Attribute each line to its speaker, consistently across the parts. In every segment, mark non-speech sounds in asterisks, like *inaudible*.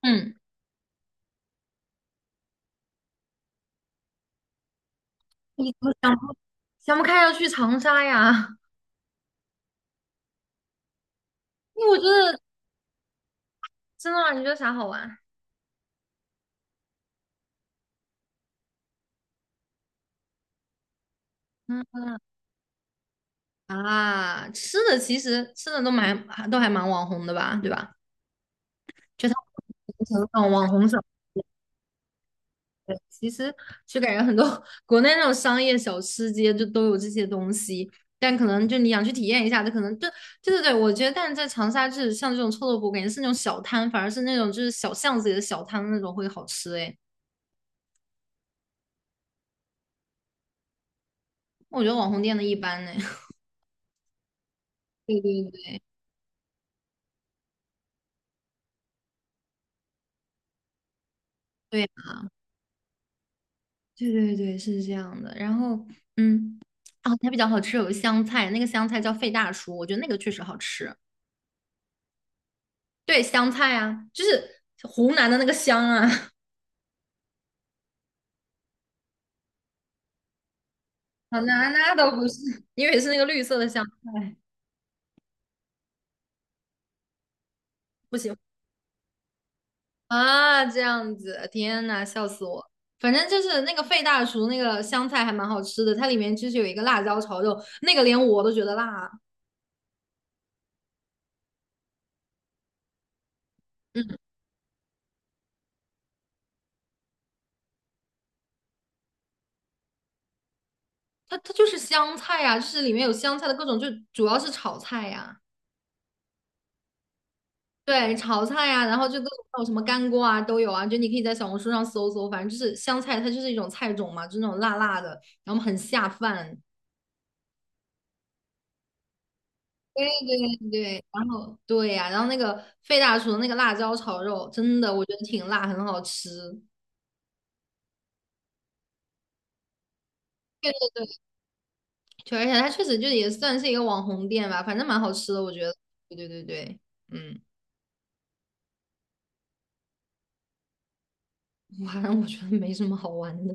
Speaker 1: 嗯，你怎么想不开要去长沙呀？*laughs* 因为我觉得真的吗？你觉得啥好玩？嗯啊，吃的其实吃的都蛮还蛮网红的吧，对吧？就它那种网红小吃，其实就感觉很多 *laughs* 国内那种商业小吃街就都有这些东西，但可能就你想去体验一下，就可能就对对对，我觉得但是在长沙就是像这种臭豆腐，感觉是那种小摊，反而是那种就是小巷子里的小摊那种会好吃诶，我觉得网红店的一般呢。*laughs* 对对对呀对对对，是这样的。然后，嗯，啊，它比较好吃，有个香菜，那个香菜叫费大叔，我觉得那个确实好吃。对，香菜啊，就是湖南的那个香啊，*laughs* 啊，那倒不是，因为是那个绿色的香菜，不行啊，这样子，天呐，笑死我。反正就是那个费大叔那个香菜还蛮好吃的，它里面就是有一个辣椒炒肉，那个连我都觉得辣。嗯，它就是香菜呀、啊就是里面有香菜的各种，就主要是炒菜呀、对，炒菜呀、然后就各种还有什么干锅啊都有啊，就你可以在小红书上搜搜，反正就是香菜，它就是一种菜种嘛，就是那种辣辣的，然后很下饭。对对对，然后对呀、然后那个费大厨的那个辣椒炒肉，真的我觉得挺辣，很好吃。对对对，而且它确实就也算是一个网红店吧，反正蛮好吃的，我觉得。对对对对，嗯，*laughs* 反正我觉得没什么好玩的。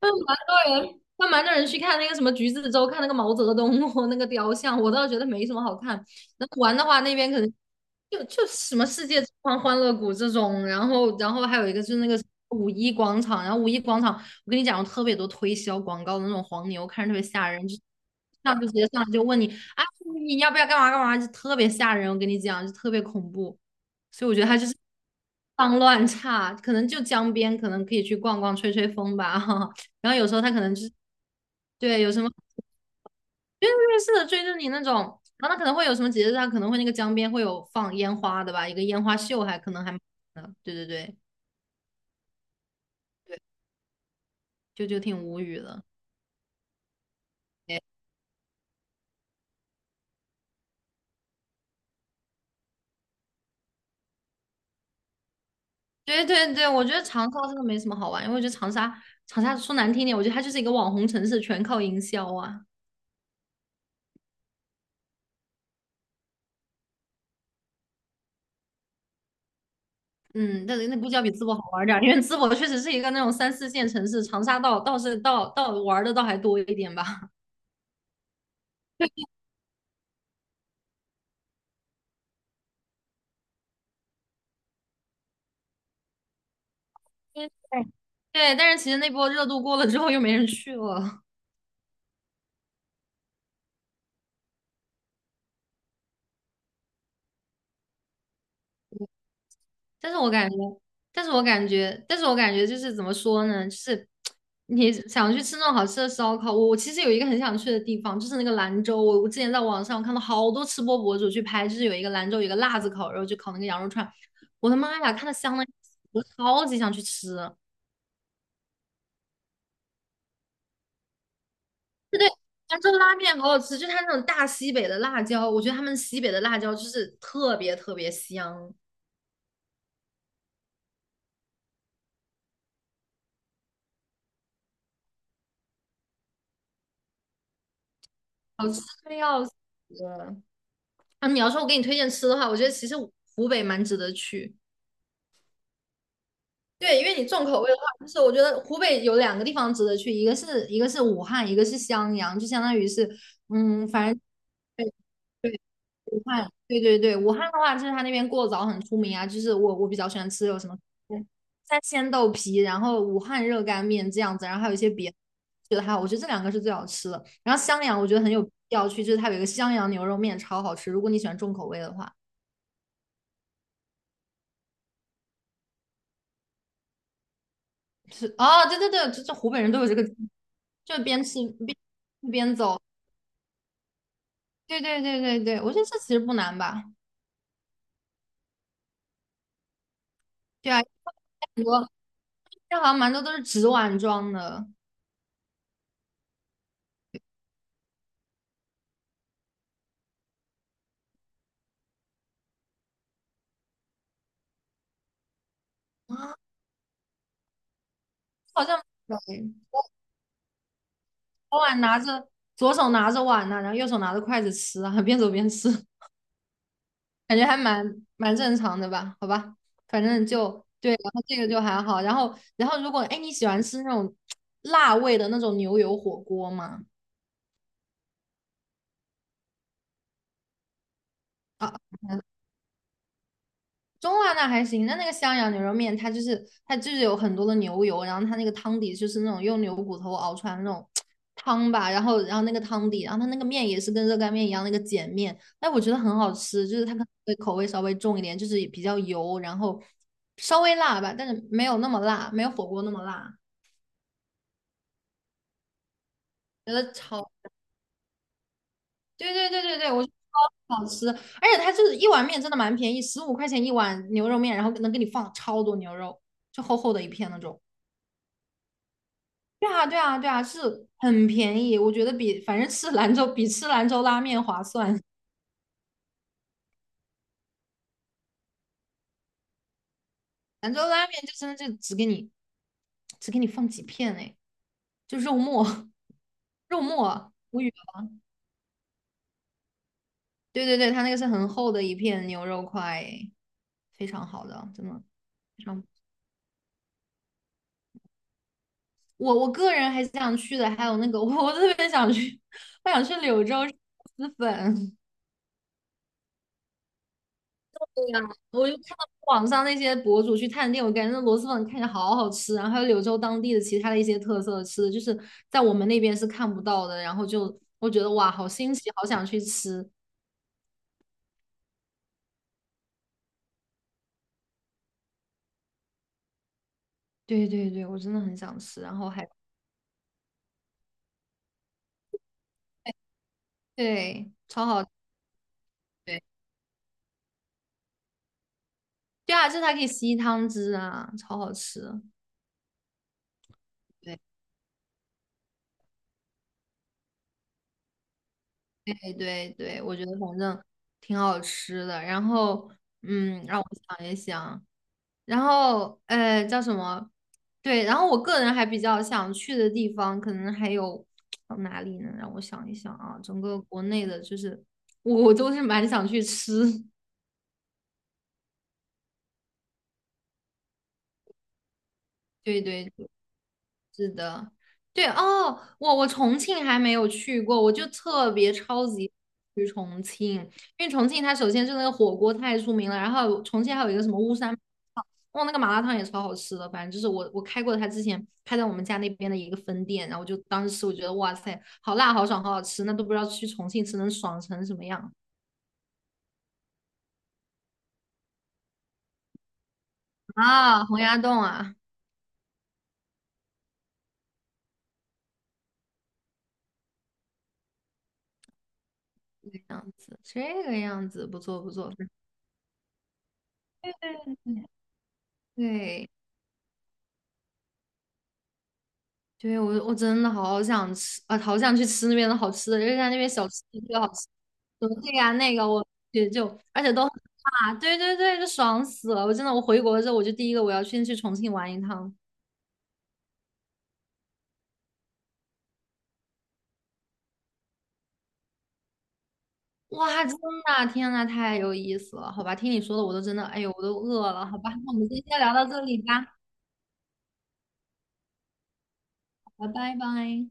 Speaker 1: 那蛮多人，那蛮多人去看那个什么橘子洲，看那个毛泽东哦 *laughs* 那个雕像，我倒觉得没什么好看。那玩的话，那边可能就什么世界之窗、欢乐谷这种，然后还有一个就是那个五一广场，然后五一广场，我跟你讲，有特别多推销广告的那种黄牛，看着特别吓人，就上就直接上来就问你啊，你要不要干嘛干嘛，就特别吓人，我跟你讲，就特别恐怖。所以我觉得他就是脏乱差，可能就江边，可能可以去逛逛、吹吹风吧。*laughs* 然后有时候他可能就是对有什么，因为瑞是的追着你那种，然后他可能会有什么节日，他可能会那个江边会有放烟花的吧，一个烟花秀还可能还蛮的对对对对，就挺无语的。对对对对，我觉得长沙真的没什么好玩，因为我觉得长沙说难听点，我觉得它就是一个网红城市，全靠营销啊。嗯，但是那估计要比淄博好玩儿点儿，因为淄博确实是一个那种三四线城市，长沙倒是倒玩儿的倒还多一点吧。*laughs* 对，但是其实那波热度过了之后，又没人去了。但是我感觉，但是我感觉就是怎么说呢？就是你想去吃那种好吃的烧烤，我其实有一个很想去的地方，就是那个兰州。我之前在网上看到好多吃播博主去拍，就是有一个兰州有一个辣子烤肉，就烤那个羊肉串，我的妈呀，看的香的，我超级想去吃。对对，兰州拉面好好吃，就它那种大西北的辣椒，我觉得他们西北的辣椒就是特别特别香，好吃的要死。啊，你要说我给你推荐吃的话，我觉得其实湖北蛮值得去。对，因为你重口味的话，就是我觉得湖北有两个地方值得去，一个是武汉，一个是襄阳，就相当于是，嗯，反正对对，武汉，对对对，武汉的话，就是它那边过早很出名啊，就是我比较喜欢吃有什么嗯三鲜豆皮，然后武汉热干面这样子，然后还有一些别的，觉得还好，我觉得这两个是最好吃的。然后襄阳我觉得很有必要去，就是它有一个襄阳牛肉面超好吃，如果你喜欢重口味的话。是哦，对对对，这湖北人都有这个，就边吃边边，对对对对对，我觉得这其实不难吧？对啊，很多，但好像蛮多都是纸碗装的，好像对，左碗拿着，左手拿着碗呢，然后右手拿着筷子吃啊，边走边吃，感觉还蛮正常的吧？好吧，反正就对，然后这个就还好，然后如果哎你喜欢吃那种辣味的那种牛油火锅吗？中辣那还行，那那个襄阳牛肉面，它就是有很多的牛油，然后它那个汤底就是那种用牛骨头熬出来的那种 *tsk* 汤吧，然后那个汤底，然后它那个面也是跟热干面一样那个碱面，但我觉得很好吃，就是它可能会口味稍微重一点，就是比较油，然后稍微辣吧，但是没有那么辣，没有火锅那么辣，觉得超，对对对对对，我觉得超好吃，而且它就是一碗面真的蛮便宜，15块钱一碗牛肉面，然后能给你放超多牛肉，就厚厚的一片那种。对啊，对啊，对啊，是很便宜，我觉得比反正吃兰州比吃兰州拉面划算。兰州拉面就真的就只给你只给你放几片哎，就肉末 *laughs* 肉末，无语了对对对，它那个是很厚的一片牛肉块诶，非常好的，真的非常。我个人还是想去的，还有那个我特别想去，*laughs* 我想去柳州吃螺蛳粉。对呀，我就看到网上那些博主去探店，我感觉那螺蛳粉看着好好吃，然后还有柳州当地的其他的一些特色吃的，就是在我们那边是看不到的，然后就我觉得哇，好新奇，好想去吃。对对对，我真的很想吃，然后还对，超好，对对啊，就是它可以吸汤汁啊，超好吃。对对对对，我觉得反正挺好吃的。然后嗯，让我想一想。然后呃叫什么？对，然后我个人还比较想去的地方，可能还有呃哪里呢？让我想一想啊，整个国内的，就是我都是蛮想去吃，*laughs* 对对，是的，对哦，我重庆还没有去过，我就特别超级去重庆，因为重庆它首先是那个火锅太出名了，然后重庆还有一个什么巫山麻辣烫，哦，那个麻辣烫也超好吃的，反正就是我开过他之前开在我们家那边的一个分店，然后我就当时吃，我觉得哇塞，好辣好爽好好吃，那都不知道去重庆吃能爽成什么样啊！洪崖洞啊，这个样子，这个样子不错不错，对。对，我我真的好想吃啊，好想去吃那边的好吃的，就是在那边小吃特别好吃，什么这个呀那个，我也就而且都啊，对对对，就爽死了！我真的，我回国之后，我就第一个我要先去重庆玩一趟。哇，真的，天呐，太有意思了！好吧，听你说的我都真的，哎呦，我都饿了。好吧，那我们今天先聊到这里吧，好吧，拜拜。